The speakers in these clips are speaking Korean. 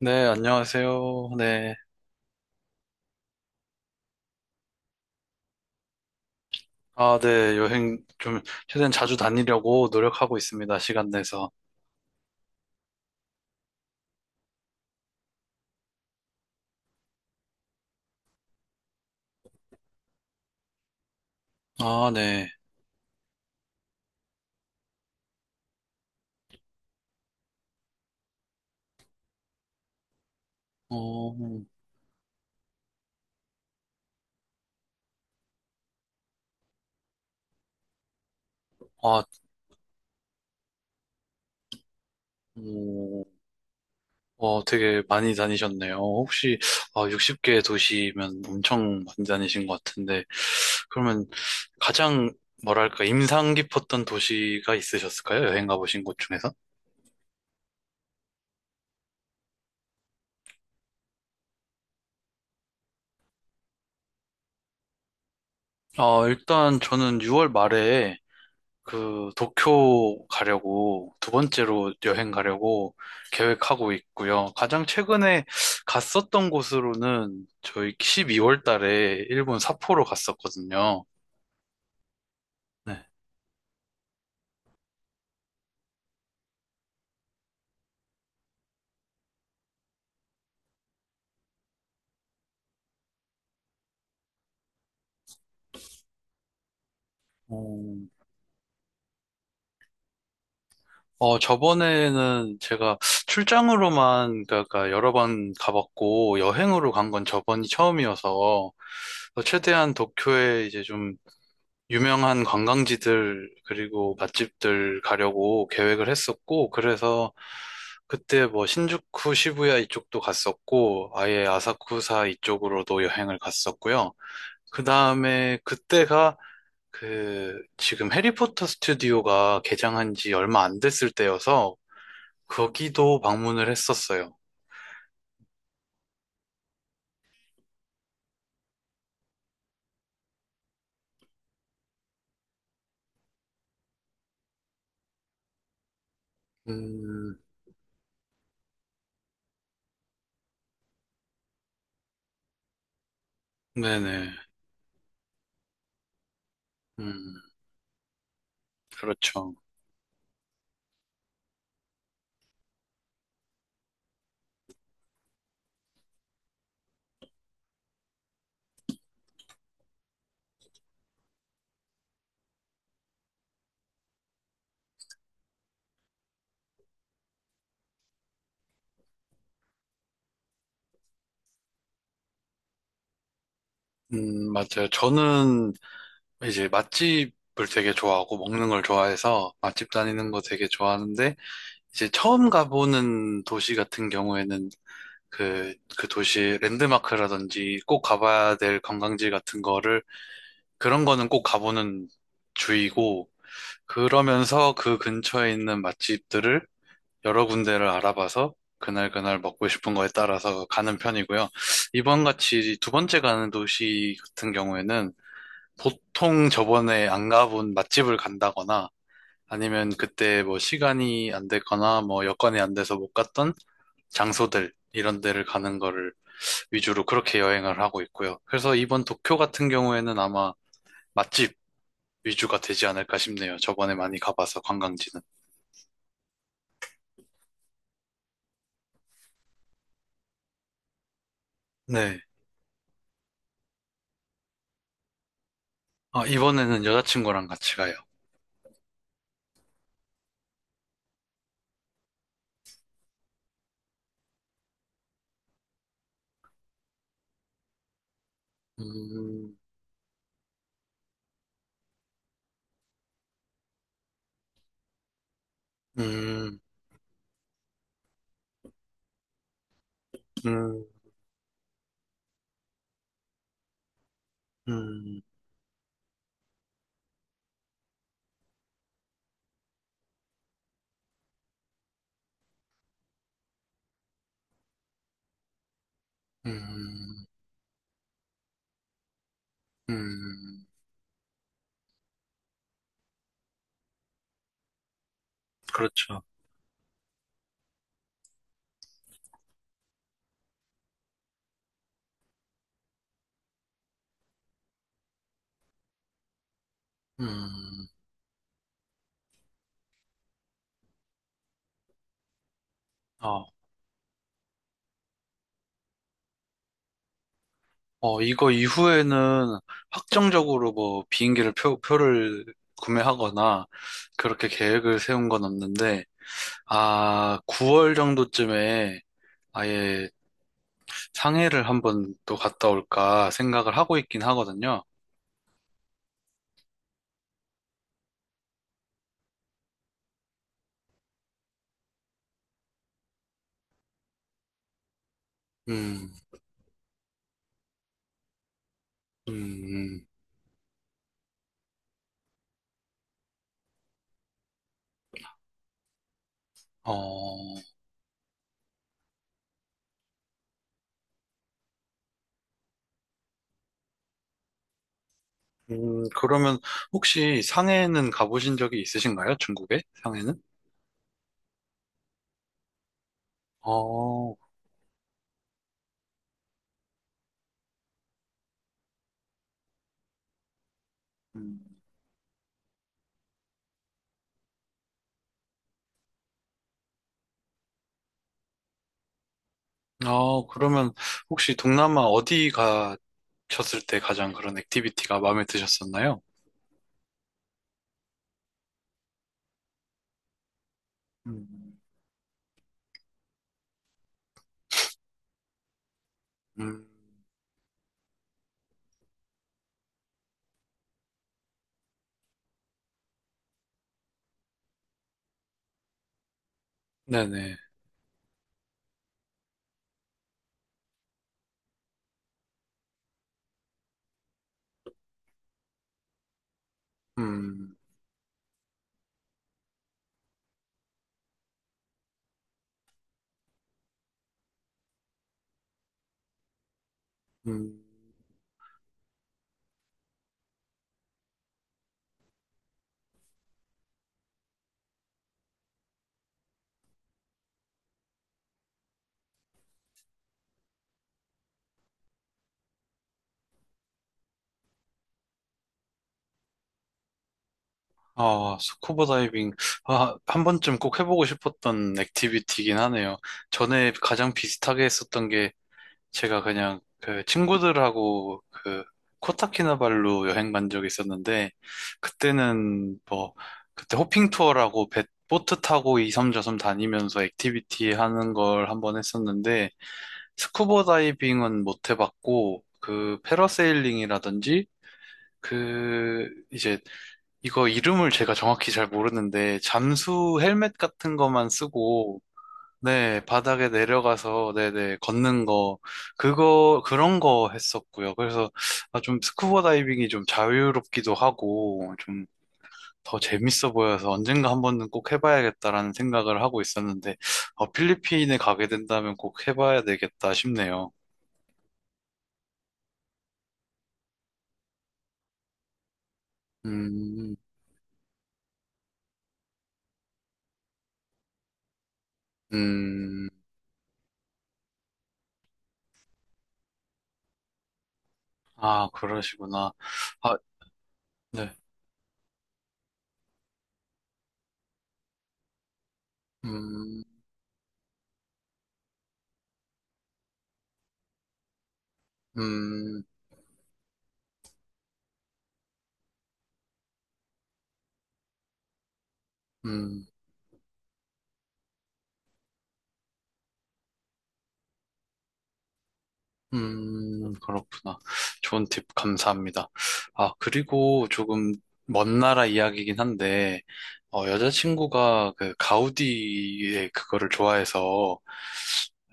네, 안녕하세요. 네. 아, 네. 여행 좀 최대한 자주 다니려고 노력하고 있습니다. 시간 내서. 아, 네. 어. 아. 어. 어, 되게 많이 다니셨네요. 혹시, 아, 60개 도시면 엄청 많이 다니신 것 같은데, 그러면 가장 뭐랄까 인상 깊었던 도시가 있으셨을까요? 여행 가보신 곳 중에서? 어, 일단 저는 6월 말에 그 도쿄 가려고 두 번째로 여행 가려고 계획하고 있고요. 가장 최근에 갔었던 곳으로는 저희 12월 달에 일본 삿포로 갔었거든요. 네. 음. 어, 저번에는 제가 출장으로만, 그러니까 여러 번 가봤고, 여행으로 간 건 저번이 처음이어서 최대한 도쿄에 이제 좀 유명한 관광지들 그리고 맛집들 가려고 계획을 했었고, 그래서 그때 뭐 신주쿠, 시부야 이쪽도 갔었고, 아예 아사쿠사 이쪽으로도 여행을 갔었고요. 그 다음에 그때가 그 지금 해리포터 스튜디오가 개장한 지 얼마 안 됐을 때여서 거기도 방문을 했었어요. 음. 네네. 음. 그렇죠. 맞아요. 저는 이제 맛집을 되게 좋아하고 먹는 걸 좋아해서 맛집 다니는 거 되게 좋아하는데, 이제 처음 가보는 도시 같은 경우에는 그 도시 랜드마크라든지 꼭 가봐야 될 관광지 같은 거를, 그런 거는 꼭 가보는 주의고, 그러면서 그 근처에 있는 맛집들을 여러 군데를 알아봐서 그날 그날 먹고 싶은 거에 따라서 가는 편이고요. 이번 같이 두 번째 가는 도시 같은 경우에는 보통 저번에 안 가본 맛집을 간다거나 아니면 그때 뭐 시간이 안 됐거나 뭐 여건이 안 돼서 못 갔던 장소들, 이런 데를 가는 거를 위주로 그렇게 여행을 하고 있고요. 그래서 이번 도쿄 같은 경우에는 아마 맛집 위주가 되지 않을까 싶네요. 저번에 많이 가봐서 관광지는. 네. 아, 이번에는 여자친구랑 같이 가요. 음. 음. 음. 음. 음. 음. 그렇죠. 음. 어. 어, 이거 이후에는 확정적으로 뭐 비행기를 표를 구매하거나 그렇게 계획을 세운 건 없는데, 아, 9월 정도쯤에 아예 상해를 한번 또 갔다 올까 생각을 하고 있긴 하거든요. 음. 음. 어. 그러면 혹시 상해는 가보신 적이 있으신가요? 중국에? 상해는? 어. 음. 어, 그러면 혹시 동남아 어디 가셨을 때 가장 그런 액티비티가 마음에 드셨었나요? 음. 음. 네네. 음. 음. 아, 스쿠버 다이빙. 아, 한 번쯤 꼭 해보고 싶었던 액티비티긴 하네요. 전에 가장 비슷하게 했었던 게, 제가 그냥 그 친구들하고 그 코타키나발루 여행 간 적이 있었는데, 그때는 뭐 그때 호핑 투어라고 배 보트 타고 이섬저섬 다니면서 액티비티 하는 걸 한번 했었는데, 스쿠버 다이빙은 못 해봤고 그 패러세일링이라든지 그 이제 이거 이름을 제가 정확히 잘 모르는데 잠수 헬멧 같은 거만 쓰고, 네, 바닥에 내려가서 네네 걷는 거, 그거 그런 거 했었고요. 그래서 아, 좀 스쿠버 다이빙이 좀 자유롭기도 하고 좀 더 재밌어 보여서 언젠가 한 번은 꼭 해봐야겠다라는 생각을 하고 있었는데, 어, 필리핀에 가게 된다면 꼭 해봐야 되겠다 싶네요. 음. 음. 아, 그러시구나. 아, 네. 음. 음. 음. 그렇구나. 좋은 팁 감사합니다. 아, 그리고 조금 먼 나라 이야기긴 한데, 어, 여자친구가 그 가우디의 그거를 좋아해서,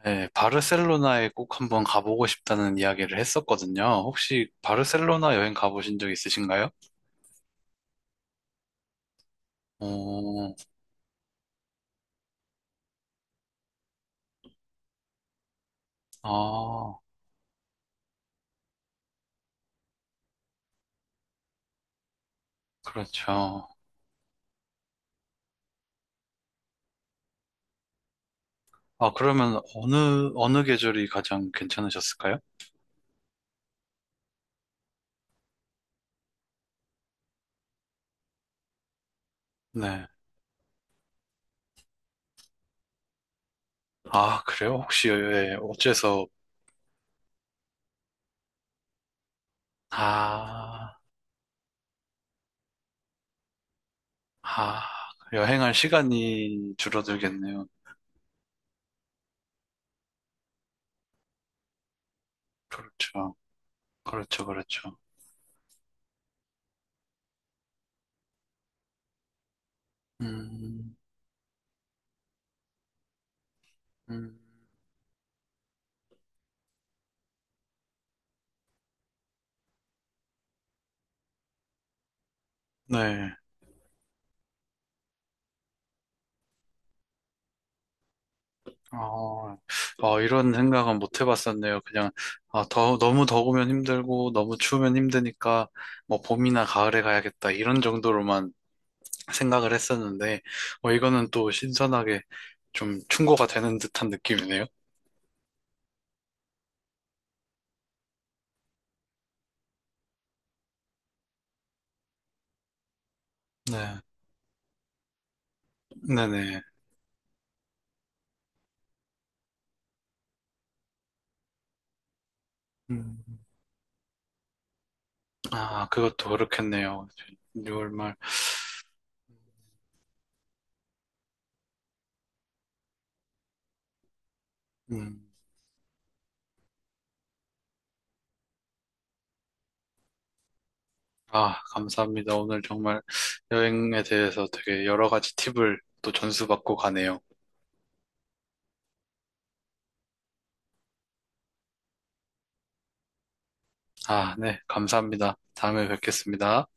예, 바르셀로나에 꼭 한번 가보고 싶다는 이야기를 했었거든요. 혹시 바르셀로나 여행 가보신 적 있으신가요? 어. 아, 그렇죠. 아, 그러면 어느 계절이 가장 괜찮으셨을까요? 네. 아, 그래요? 혹시, 예, 어째서? 아. 아. 여행할 시간이 줄어들겠네요. 그렇죠. 그렇죠. 그렇죠. 음. 음. 네. 어. 어, 이런 생각은 못 해봤었네요. 그냥, 아, 너무 더우면 힘들고, 너무 추우면 힘드니까, 뭐, 봄이나 가을에 가야겠다. 이런 정도로만 생각을 했었는데, 어, 이거는 또 신선하게 좀 충고가 되는 듯한 느낌이네요. 네. 네네. 음. 아, 그것도 그렇겠네요. 6월 말. 음. 아, 감사합니다. 오늘 정말 여행에 대해서 되게 여러 가지 팁을 또 전수받고 가네요. 아, 네, 감사합니다. 다음에 뵙겠습니다.